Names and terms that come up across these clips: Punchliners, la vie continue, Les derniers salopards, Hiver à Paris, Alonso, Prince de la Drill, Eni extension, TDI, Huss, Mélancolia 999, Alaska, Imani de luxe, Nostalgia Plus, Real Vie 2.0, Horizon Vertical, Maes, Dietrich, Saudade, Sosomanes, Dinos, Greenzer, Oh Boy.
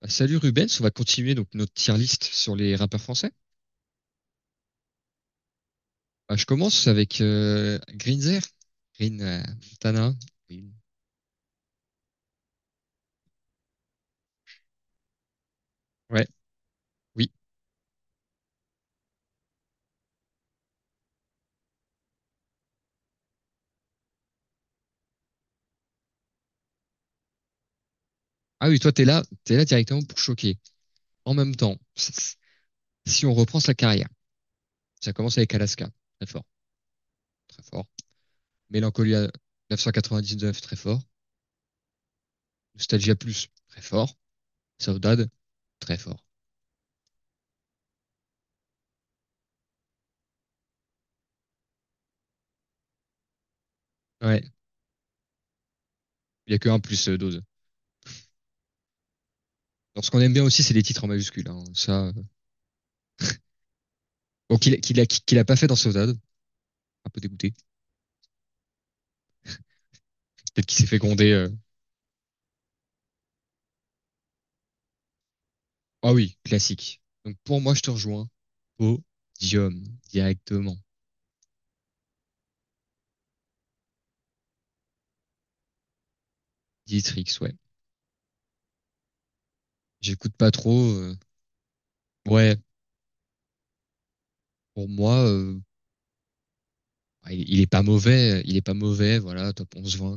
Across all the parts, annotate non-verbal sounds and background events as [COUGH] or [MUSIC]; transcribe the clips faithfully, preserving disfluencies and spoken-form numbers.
Bah, salut Rubens, on va continuer donc notre tier list sur les rappeurs français. Bah, je commence avec euh, Greenzer, Green euh, Montana. Green. Ouais, oui. Ah oui, toi t'es là, t'es là directement pour choquer. En même temps, [LAUGHS] s- si on reprend sa carrière, ça commence avec Alaska, très fort, très fort. Mélancolia neuf cent quatre-vingt-dix-neuf, très fort. Nostalgia Plus, très fort. Saudade, très fort. Ouais, il y a que un plus euh, dose. Alors ce qu'on aime bien aussi, c'est les titres en majuscule, hein. Ça, euh, bon, qu'il qu'il a, qu'il a pas fait dans Saudade, un peu dégoûté. Peut-être qu'il s'est fait gronder. euh. Ah oui, classique. Donc pour moi, je te rejoins. Podium, directement. Dietrich, ouais. J'écoute pas trop. euh. Ouais, pour moi, euh, il, il est pas mauvais. Il est pas mauvais, voilà, top onze vingt.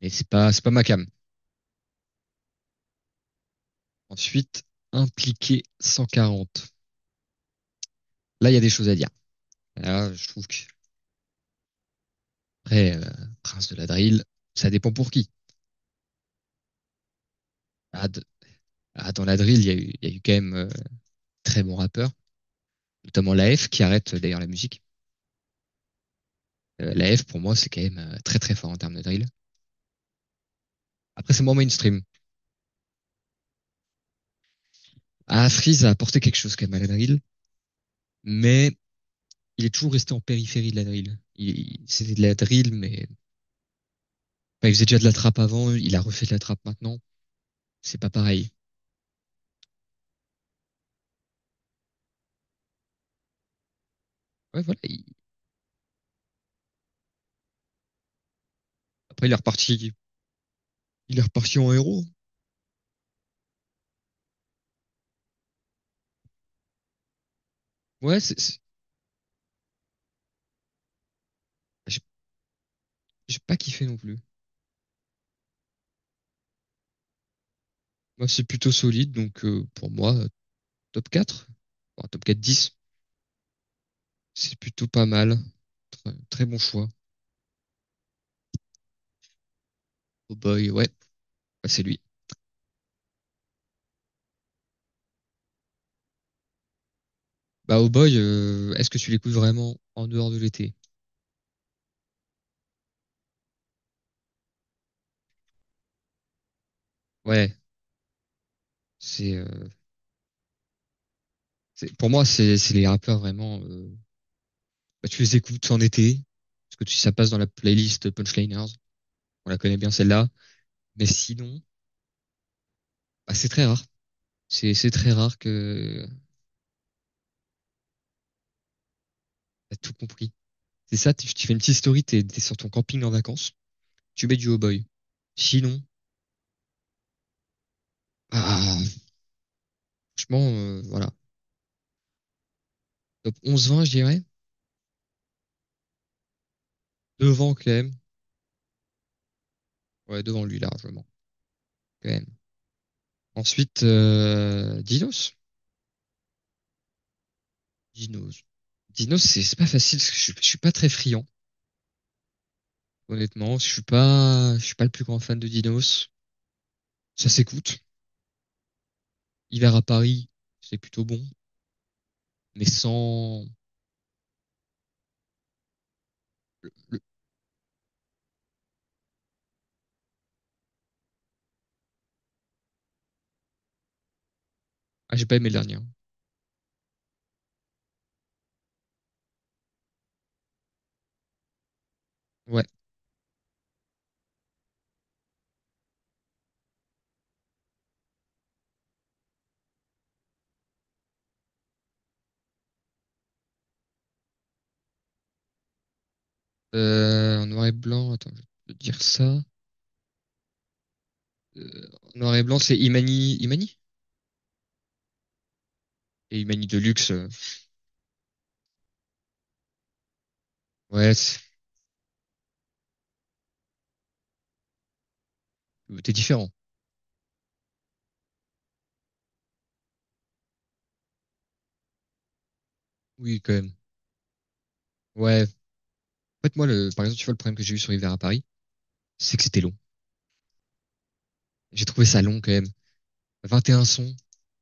Mais c'est pas, c'est pas ma came. Ensuite, impliqué cent quarante. Là, il y a des choses à dire. Là, je trouve que, après, euh, Prince de la Drill, ça dépend pour qui. Ah, de- ah, dans la drill, il y a eu, il y a eu quand même euh, très bons rappeurs, notamment la F qui arrête euh, d'ailleurs la musique. Euh, La F, pour moi, c'est quand même euh, très très fort en termes de drill. Après, c'est moins mainstream. Ah, Freeze a apporté quelque chose quand même à la drill, mais il est toujours resté en périphérie de la drill. Il, il- c'était de la drill, mais bah, il faisait déjà de la trappe avant, il a refait de la trappe maintenant. C'est pas pareil. Ouais, voilà. Il- après, il est reparti, il est reparti en héros. Ouais, c'est, c'est- j'ai j'ai pas kiffé non plus. Moi, c'est plutôt solide, donc euh, pour moi, euh, top quatre, enfin, top quatre dix, c'est plutôt pas mal. Très, très bon choix. Oh boy, ouais, bah, c'est lui. Bah, Oh Boy, euh, est-ce que tu l'écoutes vraiment en dehors de l'été? Ouais, c'est, euh, c'est- pour moi, c'est, c'est les rappeurs vraiment. Euh, bah, tu les écoutes en été, parce que tu, ça passe dans la playlist Punchliners. On la connaît bien celle-là. Mais sinon, bah, c'est très rare. C'est, c'est très rare que t'as tout compris. C'est ça, tu, tu fais une petite story, t'es, t'es sur ton camping en vacances, tu mets du Oh Boy. Sinon, ah, franchement, euh, voilà. Top onze vingt, je dirais. Devant, quand même. Ouais, devant lui, largement, quand même. Ensuite, euh, Dinos. Dinos. Dinos, c'est c'est pas facile parce que je, suis je suis pas très friand, honnêtement. Je suis pas, je suis pas le plus grand fan de Dinos. Ça s'écoute. Hiver à Paris, c'est plutôt bon, mais sans. le- Ah, j'ai pas aimé le dernier, hein. Ouais. Euh, en noir et blanc, attends, je vais te dire ça. En noir et blanc, c'est Imani, Imani? Et Imani de luxe. euh, Ouais, c'est- t'es différent. Oui, quand même. Ouais. En fait, moi, le, par exemple, tu vois, le problème que j'ai eu sur Hiver à Paris, c'est que c'était long. J'ai trouvé ça long quand même. vingt et un sons,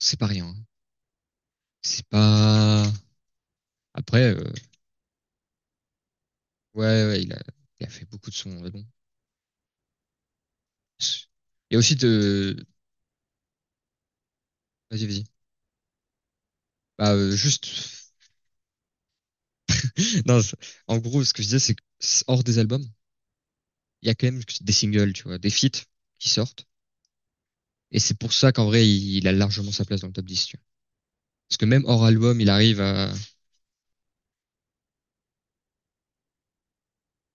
c'est pas rien, hein. C'est pas. Après, euh, ouais, ouais, il a, il a fait beaucoup de sons, mais bon. Et aussi de. Vas-y, vas-y. Bah, euh, juste. [LAUGHS] Non, c'est- en gros, ce que je disais, c'est que c'est hors des albums, il y a quand même des singles, tu vois, des feats qui sortent. Et c'est pour ça qu'en vrai, il, il a largement sa place dans le top dix, tu vois. Parce que même hors album, il arrive à.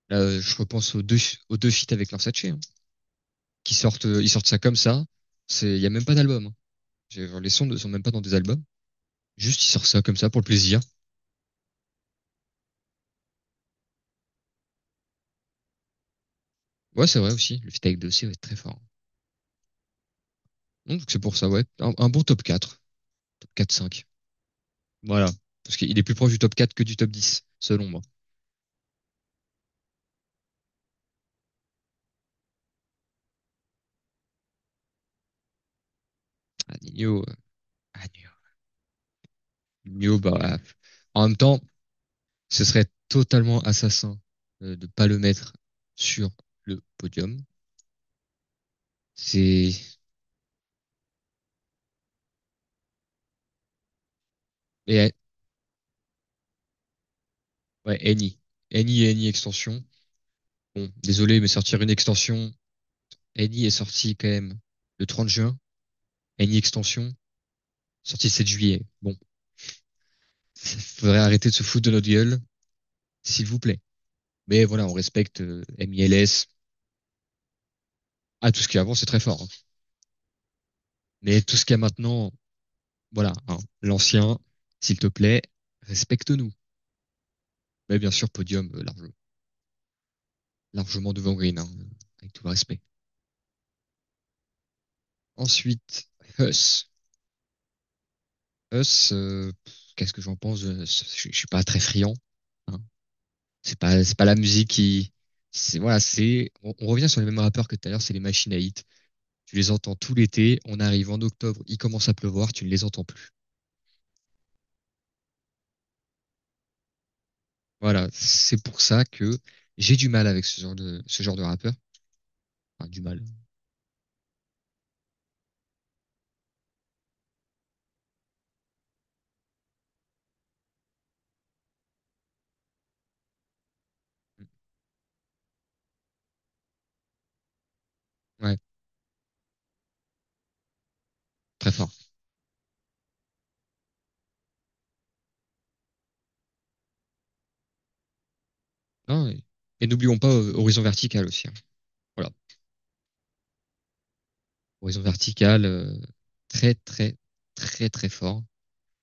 Là, euh, je repense aux deux, aux deux feats avec Lorsace, hein, qui sortent, euh, ils sortent ça comme ça. C'est, il y a même pas d'album, hein. J'ai- Les sons ne sont même pas dans des albums. Juste, ils sortent ça comme ça pour le plaisir. Ouais, c'est vrai aussi. Le feat avec Dossé va être très fort. Donc, c'est pour ça, ouais. Un, un bon top quatre. Top quatre cinq. Voilà. Parce qu'il est plus proche du top quatre que du top dix selon moi. Ah, Nino, euh, ah, Nino. Bah, ah, en même temps, ce serait totalement assassin euh, de pas le mettre sur le podium. C'est, et, ouais, Eni. Eni et Eni extension. Bon, désolé, mais sortir une extension, Eni est sorti quand même le trente juin. Eni extension, sorti le sept juillet. Bon. [LAUGHS] Faudrait arrêter de se foutre de notre gueule. S'il vous plaît. Mais voilà, on respecte euh, MILS. Ah, tout ce qui est avant, c'est très fort, hein. Mais tout ce qu'il y a maintenant, voilà, hein, l'ancien, s'il te plaît, respecte-nous. Mais bien sûr, podium euh, large- largement devant Green, hein, avec tout le respect. Ensuite, Huss. Huss, euh, qu'est-ce que j'en pense? Je, je suis pas très friand, hein. C'est pas, c'est pas la musique qui, c'est voilà, c'est. On, on revient sur les mêmes rappeurs que tout à l'heure, c'est les machines à hit. Tu les entends tout l'été. On arrive en octobre, il commence à pleuvoir, tu ne les entends plus. Voilà, c'est pour ça que j'ai du mal avec ce genre de ce genre de rappeur. Enfin, du mal. Ouais, très fort. Non, et et n'oublions pas euh, Horizon Vertical aussi, hein. Voilà, Horizon Vertical, euh, très très très très fort.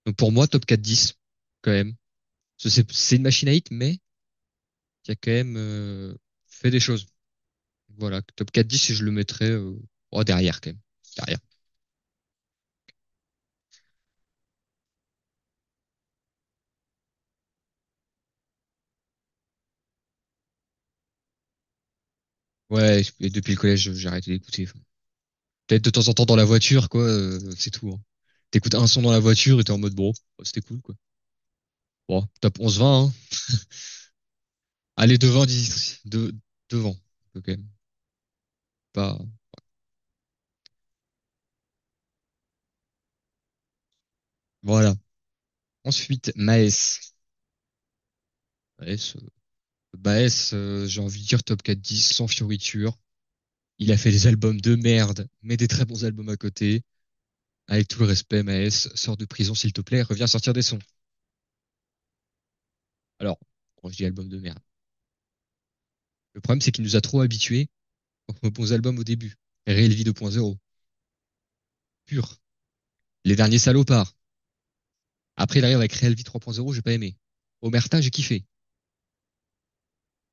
Donc pour moi, top quatre dix, quand même. Ce- C'est c'est une machine à hit, mais qui a quand même euh, fait des choses. Voilà, top quatre dix, je le mettrais euh, oh, derrière quand même. Derrière. Ouais, et depuis le collège, j'ai arrêté d'écouter. Peut-être de temps en temps dans la voiture, quoi, euh, c'est tout, hein. T'écoutes un son dans la voiture et t'es en mode bon, oh, c'était cool, quoi. Bon, top onze vingt, hein. Allez, devant, dix, de, devant. Ok, pas, voilà. Ensuite, Maes. Maes, euh, Maes, euh, j'ai envie de dire top quatre dix, sans fioriture. Il a fait des albums de merde, mais des très bons albums à côté. Avec tout le respect, Maes, sors de prison s'il te plaît, reviens sortir des sons. Alors, quand je dis album de merde, le problème c'est qu'il nous a trop habitués aux bons albums au début. Real Vie deux point zéro, pur. Les derniers salopards. Après, il arrive avec Real Vie trois point zéro, j'ai pas aimé. Omerta, j'ai kiffé.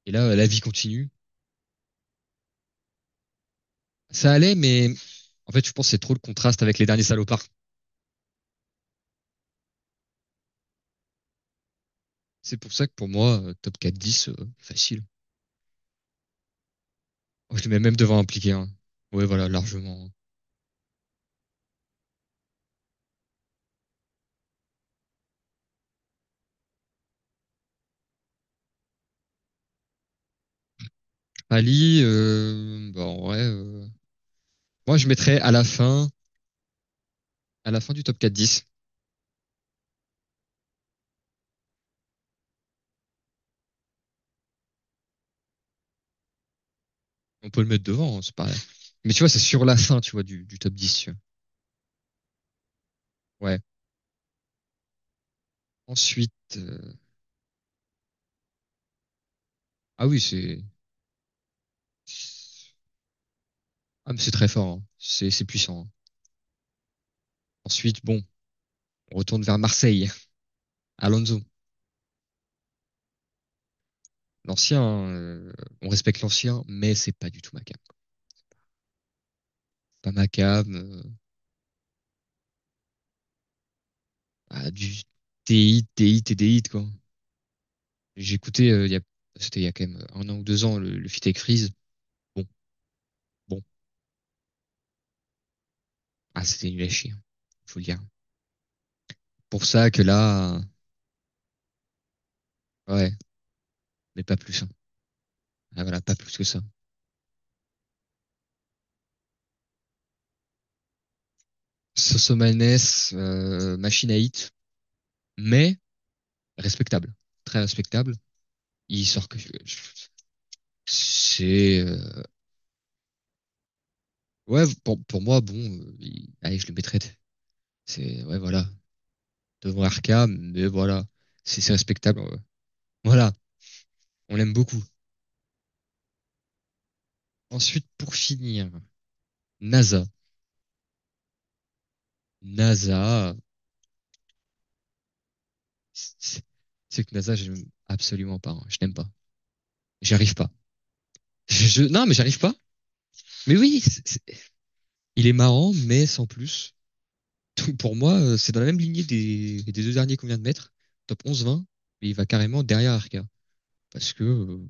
Et là, la vie continue. Ça allait, mais en fait, je pense que c'est trop le contraste avec les derniers salopards. C'est pour ça que pour moi, euh, top quatre dix, euh, facile. Oh, je les mets même devant impliqué, hein. Ouais, voilà, largement. Ali, euh, bah, en vrai, euh, moi, je mettrais à la fin, à la fin du top quatre dix. On peut le mettre devant, hein, c'est pareil. Mais tu vois, c'est sur la fin, tu vois, du, du top dix, tu vois. Ouais. Ensuite, euh, ah oui, c'est, ah, mais c'est très fort, hein. C'est c'est puissant, hein. Ensuite, bon, on retourne vers Marseille. Alonso, l'ancien, euh, on respecte l'ancien, mais c'est pas du tout ma cam. Pas ma cam, euh, ah, du T I, T I, T D I, quoi. J'écoutais, euh, il y a- c'était il y a quand même un an ou deux ans, le, le feat avec Freeze. Bon, bon, ah, c'était nul à chier, hein. Faut le dire. Pour ça que là, euh, ouais, mais pas plus, hein. Ah, voilà, pas plus que ça. Sosomanes, euh, machine à hit, mais respectable, très respectable il sort que je, c'est euh, ouais pour, pour moi bon, euh, il- allez je le mettrais. C'est ouais voilà devant Arkham, mais voilà c'est c'est respectable. euh. Voilà, on l'aime beaucoup. Ensuite pour finir, NASA. NASA, c'est c'est que NASA j'aime absolument pas, hein. Je n'aime pas. J'arrive pas. [LAUGHS] Je Non mais j'arrive pas. Mais oui, c'est- c'est- il est marrant mais sans plus. Donc, pour moi euh, c'est dans la même lignée des, des deux derniers qu'on vient de mettre, top onze vingt, mais il va carrément derrière Arca parce que euh,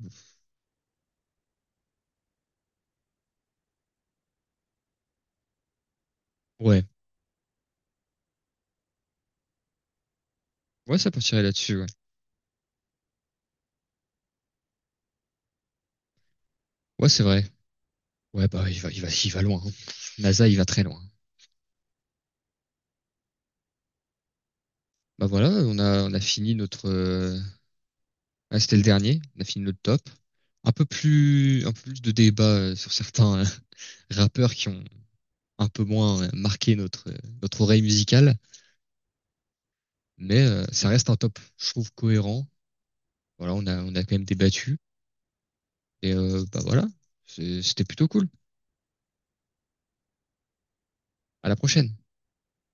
ouais. Ouais, ça partirait là-dessus, ouais. Ouais, c'est vrai. Ouais, bah, il va, il va, il va loin, hein. NASA, il va très loin. Bah voilà, on a, on a fini notre. euh, Ah, c'était le dernier. On a fini notre top. Un peu plus, un peu plus de débat euh, sur certains euh, [LAUGHS] rappeurs qui ont un peu moins euh, marqué notre, euh, notre oreille musicale, mais euh, ça reste un top, je trouve, cohérent. Voilà, on a, on a quand même débattu. Et euh, bah voilà. C'est- c'était plutôt cool. À la prochaine.